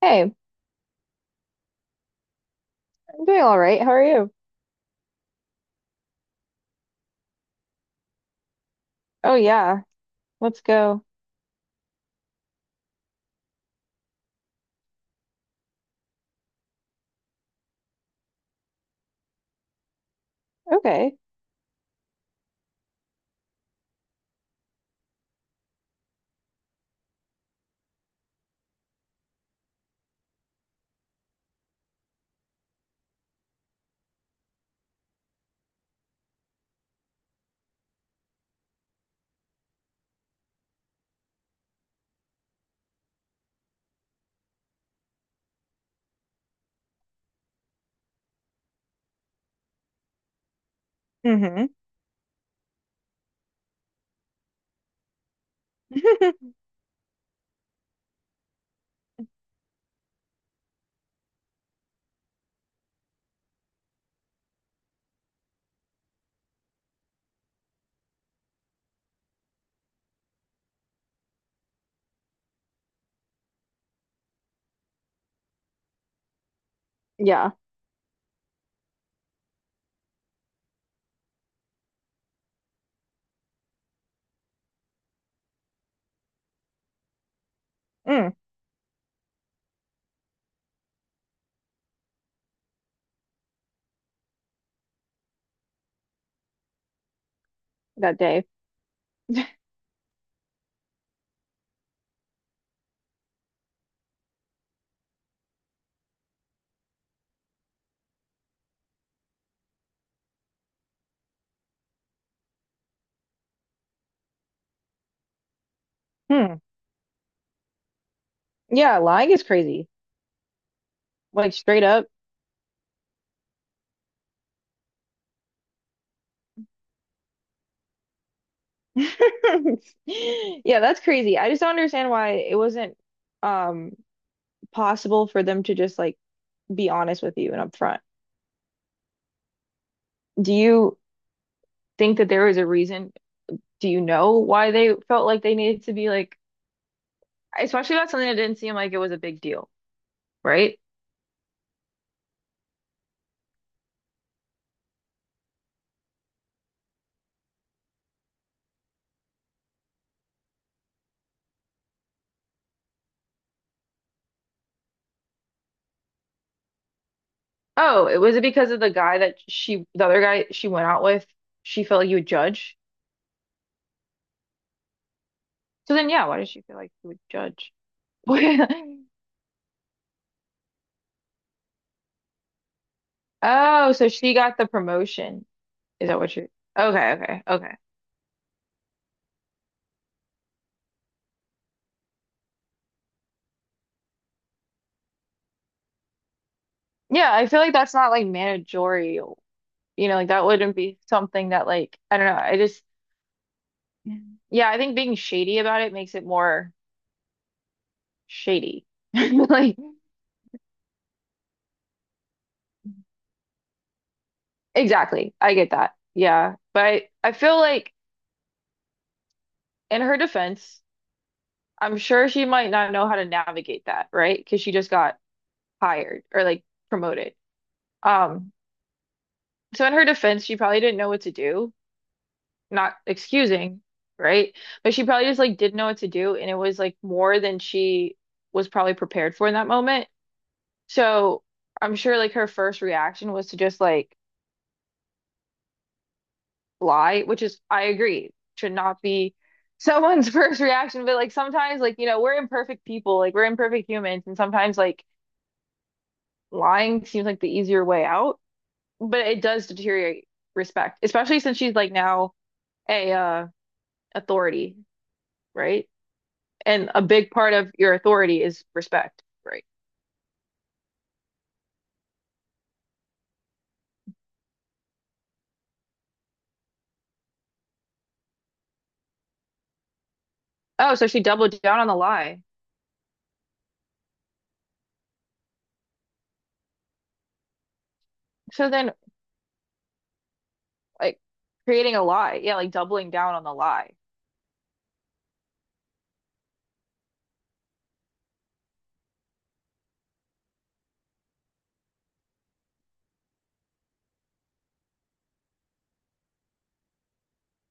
Hey, I'm doing all right. How are you? Oh yeah, let's go. Okay. Mm-hmm. Yeah, mm, that day. Hmm. Yeah, lying is crazy. Like straight up. Yeah, that's crazy. I just don't understand why it wasn't um possible for them to just like be honest with you and upfront. Do you think that there was a reason? Do you know why they felt like they needed to be like, especially about something that didn't seem like it was a big deal, right? Oh, it was it because of the guy that she, the other guy she went out with, she felt like he would judge. So then, yeah, why did she feel like he would judge? Oh, so she got the promotion. Is that what you're? Okay, okay, okay. Yeah, I feel like that's not like managerial. You know, like that wouldn't be something that like I don't know. I just— mhm, yeah, I think being shady about it makes it more shady. Like exactly, I get that. Yeah, but I feel like in her defense. I'm sure she might not know how to navigate that, right? Because she just got hired or like promoted. Um, so in her defense, she probably didn't know what to do, not excusing, right? But she probably just like didn't know what to do, and it was like more than she was probably prepared for in that moment. So I'm sure like her first reaction was to just like lie, which is I agree, should not be someone's first reaction, but like sometimes like we're imperfect people, like we're imperfect humans, and sometimes like lying seems like the easier way out, but it does deteriorate respect, especially since she's like now a authority, right? And a big part of your authority is respect, right? Oh, so she doubled down on the lie. So then like creating a lie. Yeah, like doubling down on the lie.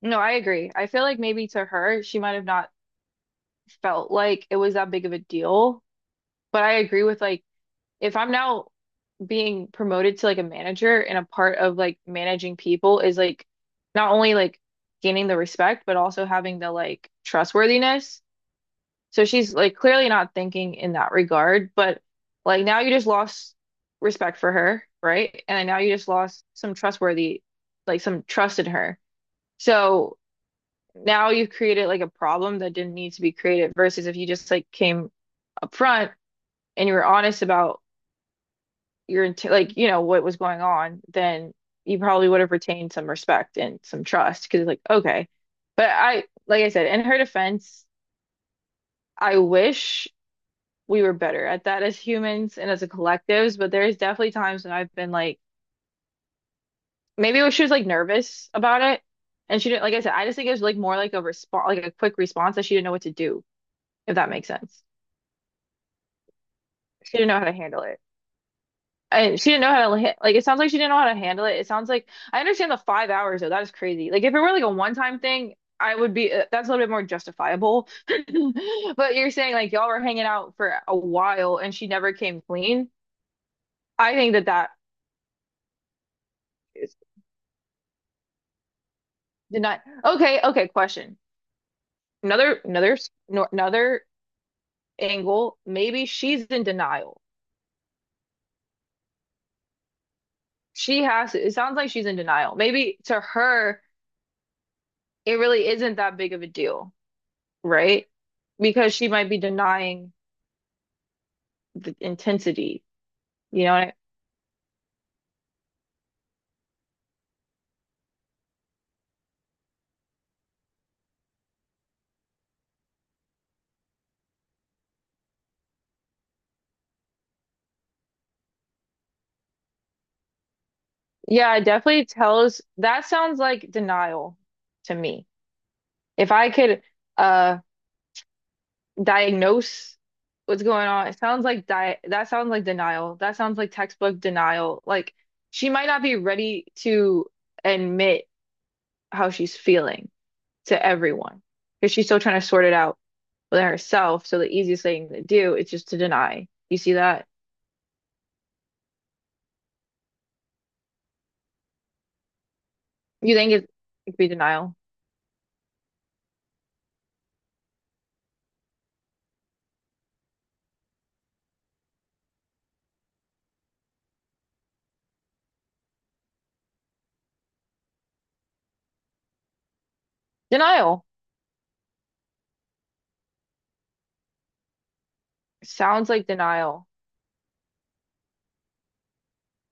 No, I agree. I feel like maybe to her, she might have not felt like it was that big of a deal, but I agree with like if I'm now being promoted to like a manager and a part of like managing people is like not only like gaining the respect, but also having the like trustworthiness. So she's like clearly not thinking in that regard, but like now you just lost respect for her, right? And now you just lost some trustworthy, like some trust in her. So now you've created like a problem that didn't need to be created versus if you just like came up front and you were honest about your int like what was going on, then you probably would have retained some respect and some trust because like okay, but I like I said in her defense, I wish we were better at that as humans and as a collectives, but there is definitely times when I've been like maybe it was she was like nervous about it and she didn't like I said I just think it was like more like a response like a quick response that she didn't know what to do if that makes sense. She didn't know how to handle it. And she didn't know how to like. It sounds like she didn't know how to handle it. It sounds like I understand the five hours though. That is crazy. Like if it were like a one-time thing, I would be that's a little bit more justifiable. But you're saying like y'all were hanging out for a while and she never came clean. I think that that is, did not. Okay, okay. Question. Another another s- no, another angle. Maybe she's in denial. She has. It sounds like she's in denial. Maybe to her, it really isn't that big of a deal, right? Because she might be denying the intensity, you know? And I— yeah, it definitely tells that sounds like denial to me. If I could uh diagnose what's going on, it sounds like di that sounds like denial. That sounds like textbook denial. Like she might not be ready to admit how she's feeling to everyone because she's still trying to sort it out within herself. So the easiest thing to do is just to deny. You see that? You think it could be denial? Denial. Sounds like denial.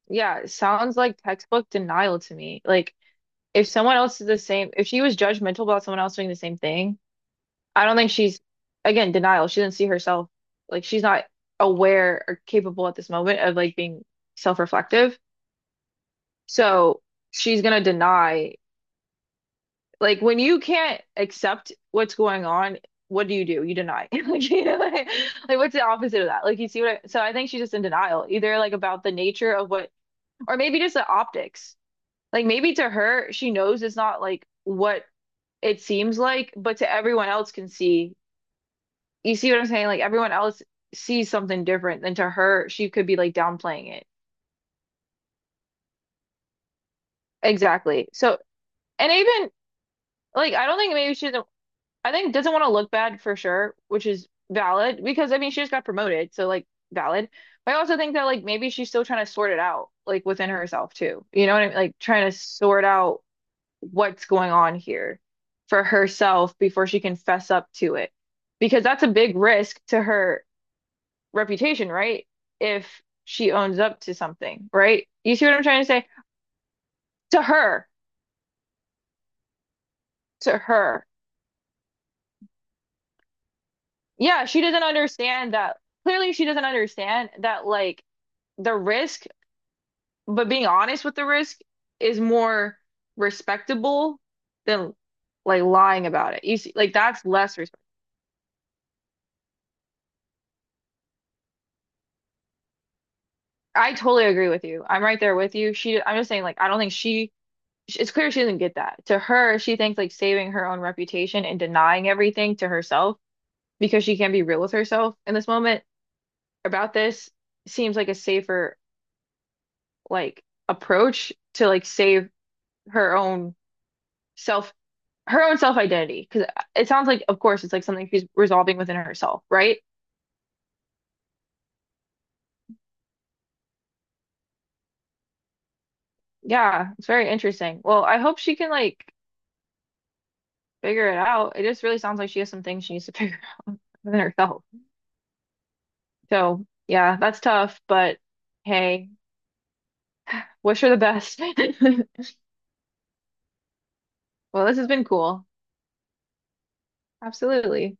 Yeah, it sounds like textbook denial to me. Like if someone else is the same, if she was judgmental about someone else doing the same thing, I don't think she's, again, denial. She doesn't see herself. Like she's not aware or capable at this moment of like being self-reflective. So she's gonna deny. Like when you can't accept what's going on, what do? You deny. Like, you know, like, what's the opposite of that? Like you see what I, so I think she's just in denial, either like about the nature of what, or maybe just the optics. Like maybe to her, she knows it's not like what it seems like, but to everyone else can see. You see what I'm saying? Like everyone else sees something different than to her, she could be like downplaying it. Exactly. So, and even like I don't think maybe she doesn't— I think doesn't want to look bad for sure, which is valid because I mean she just got promoted, so like valid. But I also think that like maybe she's still trying to sort it out, like within herself too. You know what I mean? Like trying to sort out what's going on here for herself before she can fess up to it. Because that's a big risk to her reputation, right? If she owns up to something, right? You see what I'm trying to say? To her, to her. Yeah, she doesn't understand that. Clearly, she doesn't understand that like the risk, but being honest with the risk is more respectable than like lying about it. You see, like that's less respect. I totally agree with you. I'm right there with you. She, I'm just saying, like, I don't think she, it's clear she doesn't get that. To her, she thinks like saving her own reputation and denying everything to herself because she can't be real with herself in this moment about this seems like a safer, like, approach to like save her own self her own self-identity because it sounds like of course it's like something she's resolving within herself, right? Yeah, it's very interesting. Well, I hope she can like figure it out. It just really sounds like she has some things she needs to figure out within herself, so yeah, that's tough, but hey, wish her the best. Well, this has been cool. Absolutely.